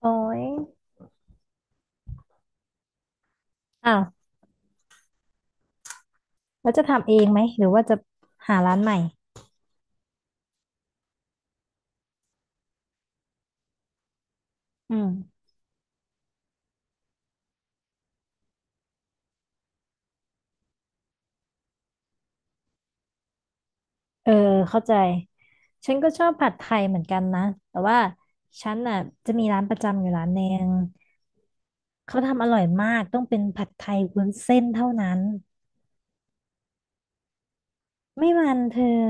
โอ้ยอ้าวแล้วจะทำเองไหม หรือว่าจะหาร้านใหม่อืมเออเข้าใจ ฉันก็ชอบผัดไทยเหมือนกันนะ แต่ว่าฉันน่ะจะมีร้านประจำอยู่ร้านหนึ่งเขาทำอร่อยมากต้องเป็นผัดไทยวุ้นเส้นเท่านั้น ไม่มันเธอ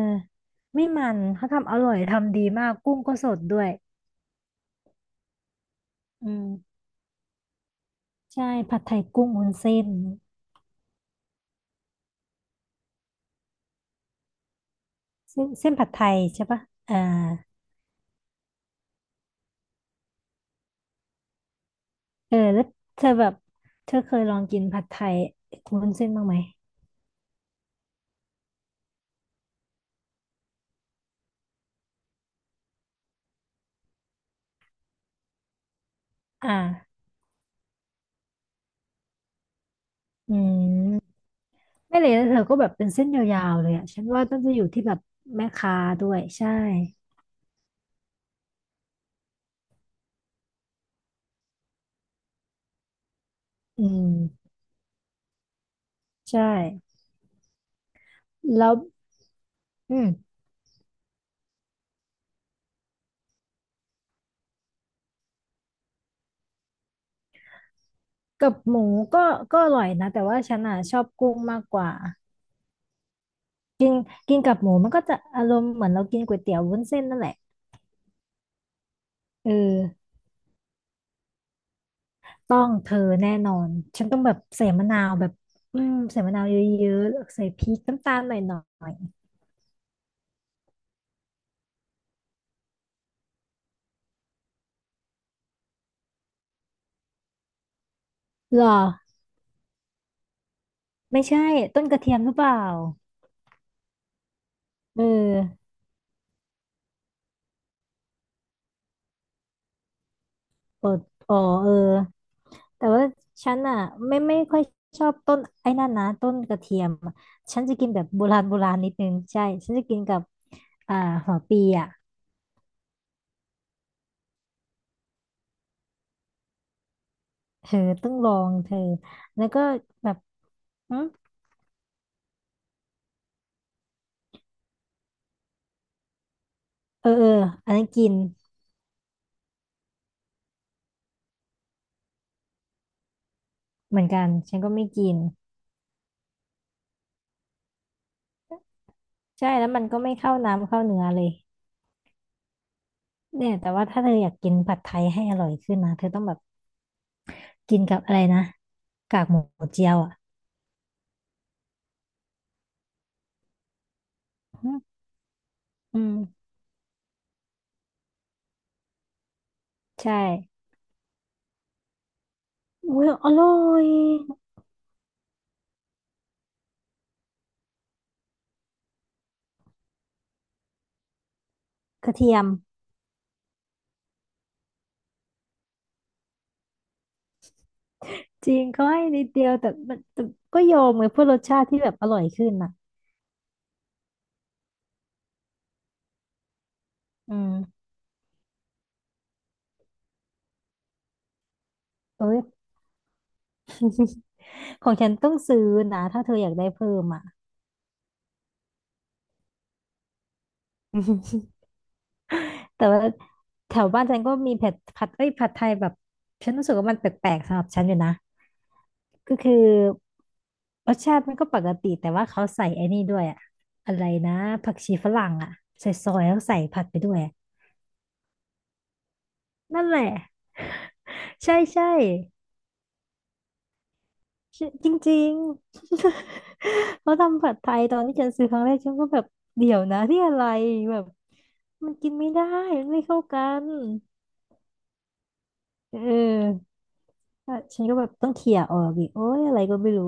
ไม่มันเขาทำอร่อยทำดีมากกุ้งก็สดด้วยอืมใช่ ผัดไทยกุ้งวุ้นเส้นเส้นผัดไทยใช่ปะอ่า เออแล้วเธอแบบเธอเคยลองกินผัดไทยวุ้นเส้นบ้างไหมอ่าอืมไม่เลยแล้วเธอก็แบบเป็นเส้นยาวๆเลยอ่ะฉันว่าต้องจะอยู่ที่แบบแม่ค้าด้วยใช่อืมใช่แล้วอืมกับหมูก็อร่อยนะแต่ว่าฉันอ่ะชอบกุ้งมากกว่ากินกับหมูมันก็จะอารมณ์เหมือนเรากินก๋วยเตี๋ยววุ้นเส้นนั่นแหละเออต้องเธอแน่นอนฉันต้องแบบใส่มะนาวแบบใส่มะนาวเยอะๆใส่พริกน้ำตาลหน่อยๆหรอ ไม่ใช่ต้นกระเทียมหรือเปล่าเอออดอ๋อเออแต่ว่าฉันอ่ะไม่ค่อยชอบต้นไอ้นั่นนะต้นกระเทียมอะฉันจะกินแบบโบราณโบราณนิดนึงใช่ฉันจะกินกับอ่าหัวปีอ่ะเธอต้องลองเธอแล้วก็แบบอืมเออเอออันนั้นกินเหมือนกันฉันก็ไม่กินใช่แล้วมันก็ไม่เข้าน้ำเข้าเนื้อเลยเนี่ยแต่ว่าถ้าเธออยากกินผัดไทยให้อร่อยขึ้นนะเธอต้องแบบกินกับอะไรนะกากหมูเจียวอ่ะ อืมใช่อุ้ยอร่อยกระเทียมจริงเขาให้นิดเดียวแต่มันแต่ก็โยมไงเพื่อรสชาติที่แบบอร่อยขึ้นอ่ะอืมเอ้ย ของฉันต้องซื้อนะถ้าเธออยากได้เพิ่มอ่ะ แต่ว่าแถวบ้านฉันก็มีเผ็ดผัดเอ้ยผัดไทยแบบฉันรู้สึกว่ามันแปลกๆสำหรับฉันอยู่นะก็คือรสชาติมันก็ปกติแต่ว่าเขาใส่ไอ้นี่ด้วยอะอะไรนะผักชีฝรั่งอะใส่ซอยแล้วใส่ผัดไปด้วยอะนั่นแหละใช่ใช่ จริงๆ เขาทำผัดไทยตอนที่ฉันซื้อครั้งแรกฉันก็แบบเดี๋ยวนะที่อะไรแบบมันกินไม่ได้มันไม่เข้ากันเอออ่ะฉันก็แบบต้องเขี่ยร์ออกอีกโอ้ยอะไรก็ไม่รู้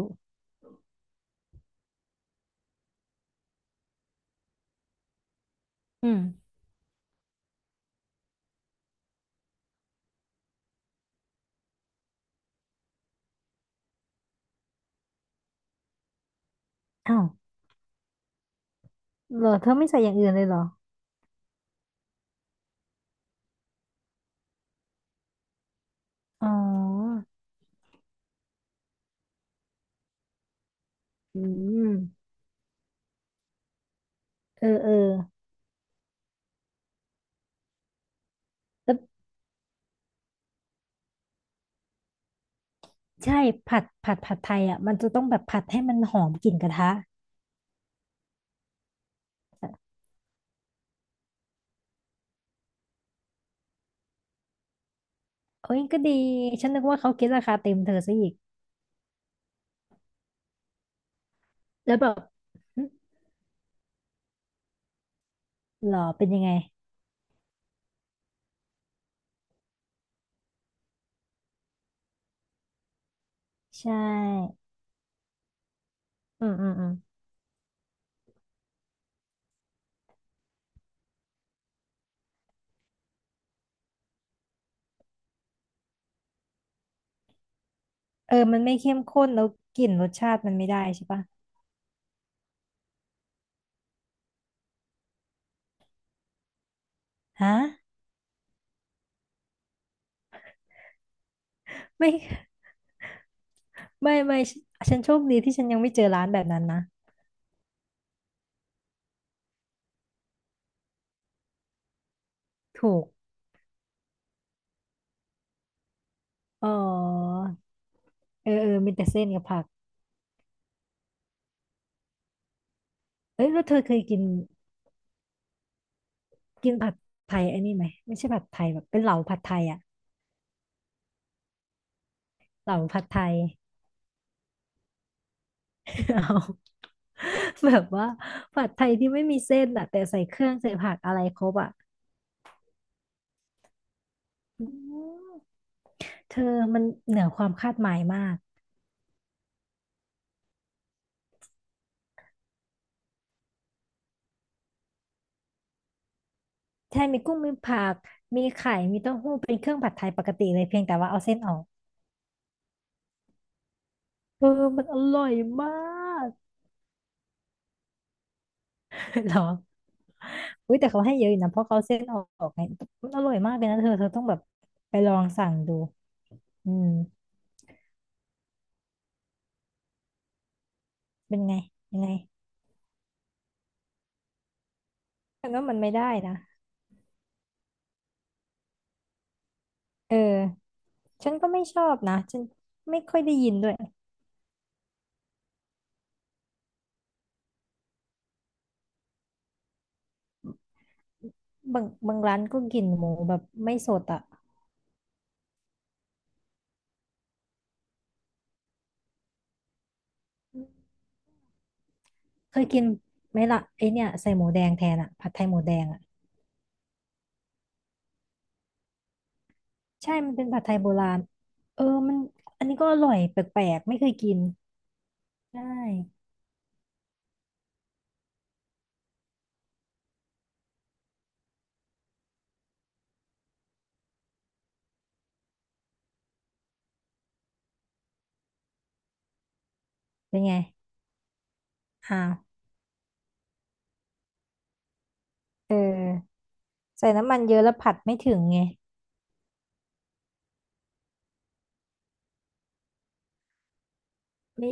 อืมอ้าวเหรอเธอไม่ใส่อย่างอื่นเลยเหรออ๋ออืมเออเออแล้วใช่ผัดผัดไทยอ่ะมันจะต้องแบบผัดให้มันหอมกลิ่นกระทะเอ้ยก็ดีฉันนึกว่าเขาคิดราคาเต็มเธอซะอีกแล้วแบบหึหรอเป็นยังไง ใช่อืมอืมอืมเออมันไม่เข้มข้นแล้วกลิ่นรสชาติมันไม่ได้ใช่ปะฮะไม่ ไม่ไม่ฉันฉันโชคดีที่ฉันยังไม่เจอร้านแบบนั้นนะ ถูกอ๋อเออเออมีแต่เส้นกับผักเอ้ยแล้วเธอเคยกินกินผัดไทยไอ้นี่ไหมไม่ใช่ผัดไทยแบบเป็นเหลาผัดไทยอะเหลาผัดไทย เอาแบบว่าผัดไทยที่ไม่มีเส้นอะแต่ใส่เครื่องใส่ผักอะไรครบอะอืมเธอมันเหนือความคาดหมายมากใช่มีกุ้งมีผัก มีเต้าหู้เป็นเครื่องผัดไทยปกติเลยเพียงแต่ว่าเอาเส้นออกเออมันอร่อยมาก เหรออุ้ยแต่เขาให้เยอะอยู่นะเพราะเขาเอาเส้นออกไงมันอร่อยมากเลยนะเธอเธอต้องแบบไปลองสั่งดูอืมเป็นไงยังไงฉันว่ามันไม่ได้นะเออฉันก็ไม่ชอบนะฉันไม่ค่อยได้ยินด้วยบางบางร้านก็กินหมูแบบไม่สดอ่ะเคยกินไหมล่ะไอเนี่ยใส่หมูแดงแทนอ่ะผัดไทยหมูแดงอะ ใช่มันเป็นผัดไทยโบราณเออมันอันนี้ก็อร่อยแปลกๆ ไม่เคยกินใช่เป็นไงอ่าวเออใส่น้ำมันเยอะแล้วผัดไม่ถึงไงไม่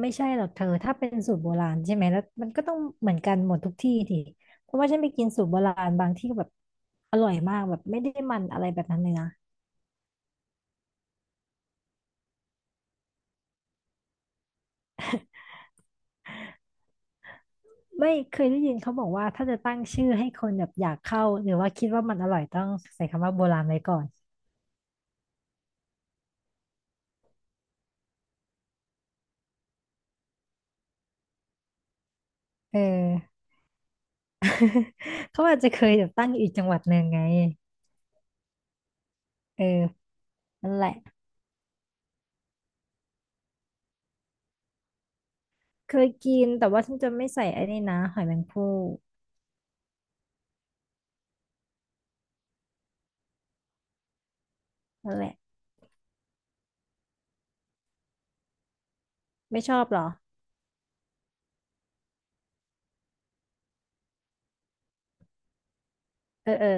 ไม่ใช่หรอกเธอถ้าเป็นสูตรโบราณใช่ไหมแล้วมันก็ต้องเหมือนกันหมดทุกที่ทีเพราะว่าฉันไปกินสูตรโบราณบางที่ก็แบบอร่อยมากแบบไม่ได้มันอะไรแบบนั้นเลยนะไม่เคยได้ยินเขาบอกว่าถ้าจะตั้งชื่อให้คนแบบอยากเข้าหรือว่าคิดว่ามันอร่อยต้องใส่คำว่าโบราณไว้ก่อนเออ เขาอาจจะเคยแบบตั้งอยู่อีกจังหวัดหนึ่งไง เออนั่นแหละ เคยกินแต่ว่าฉันจะไม่ใส่ไอ้นี่นะหอยแมงภู่นั่นแหละไม่ชอบเหรอเออเออ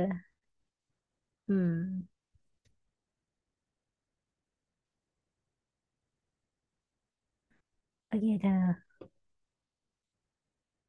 อืมโอเคเธอ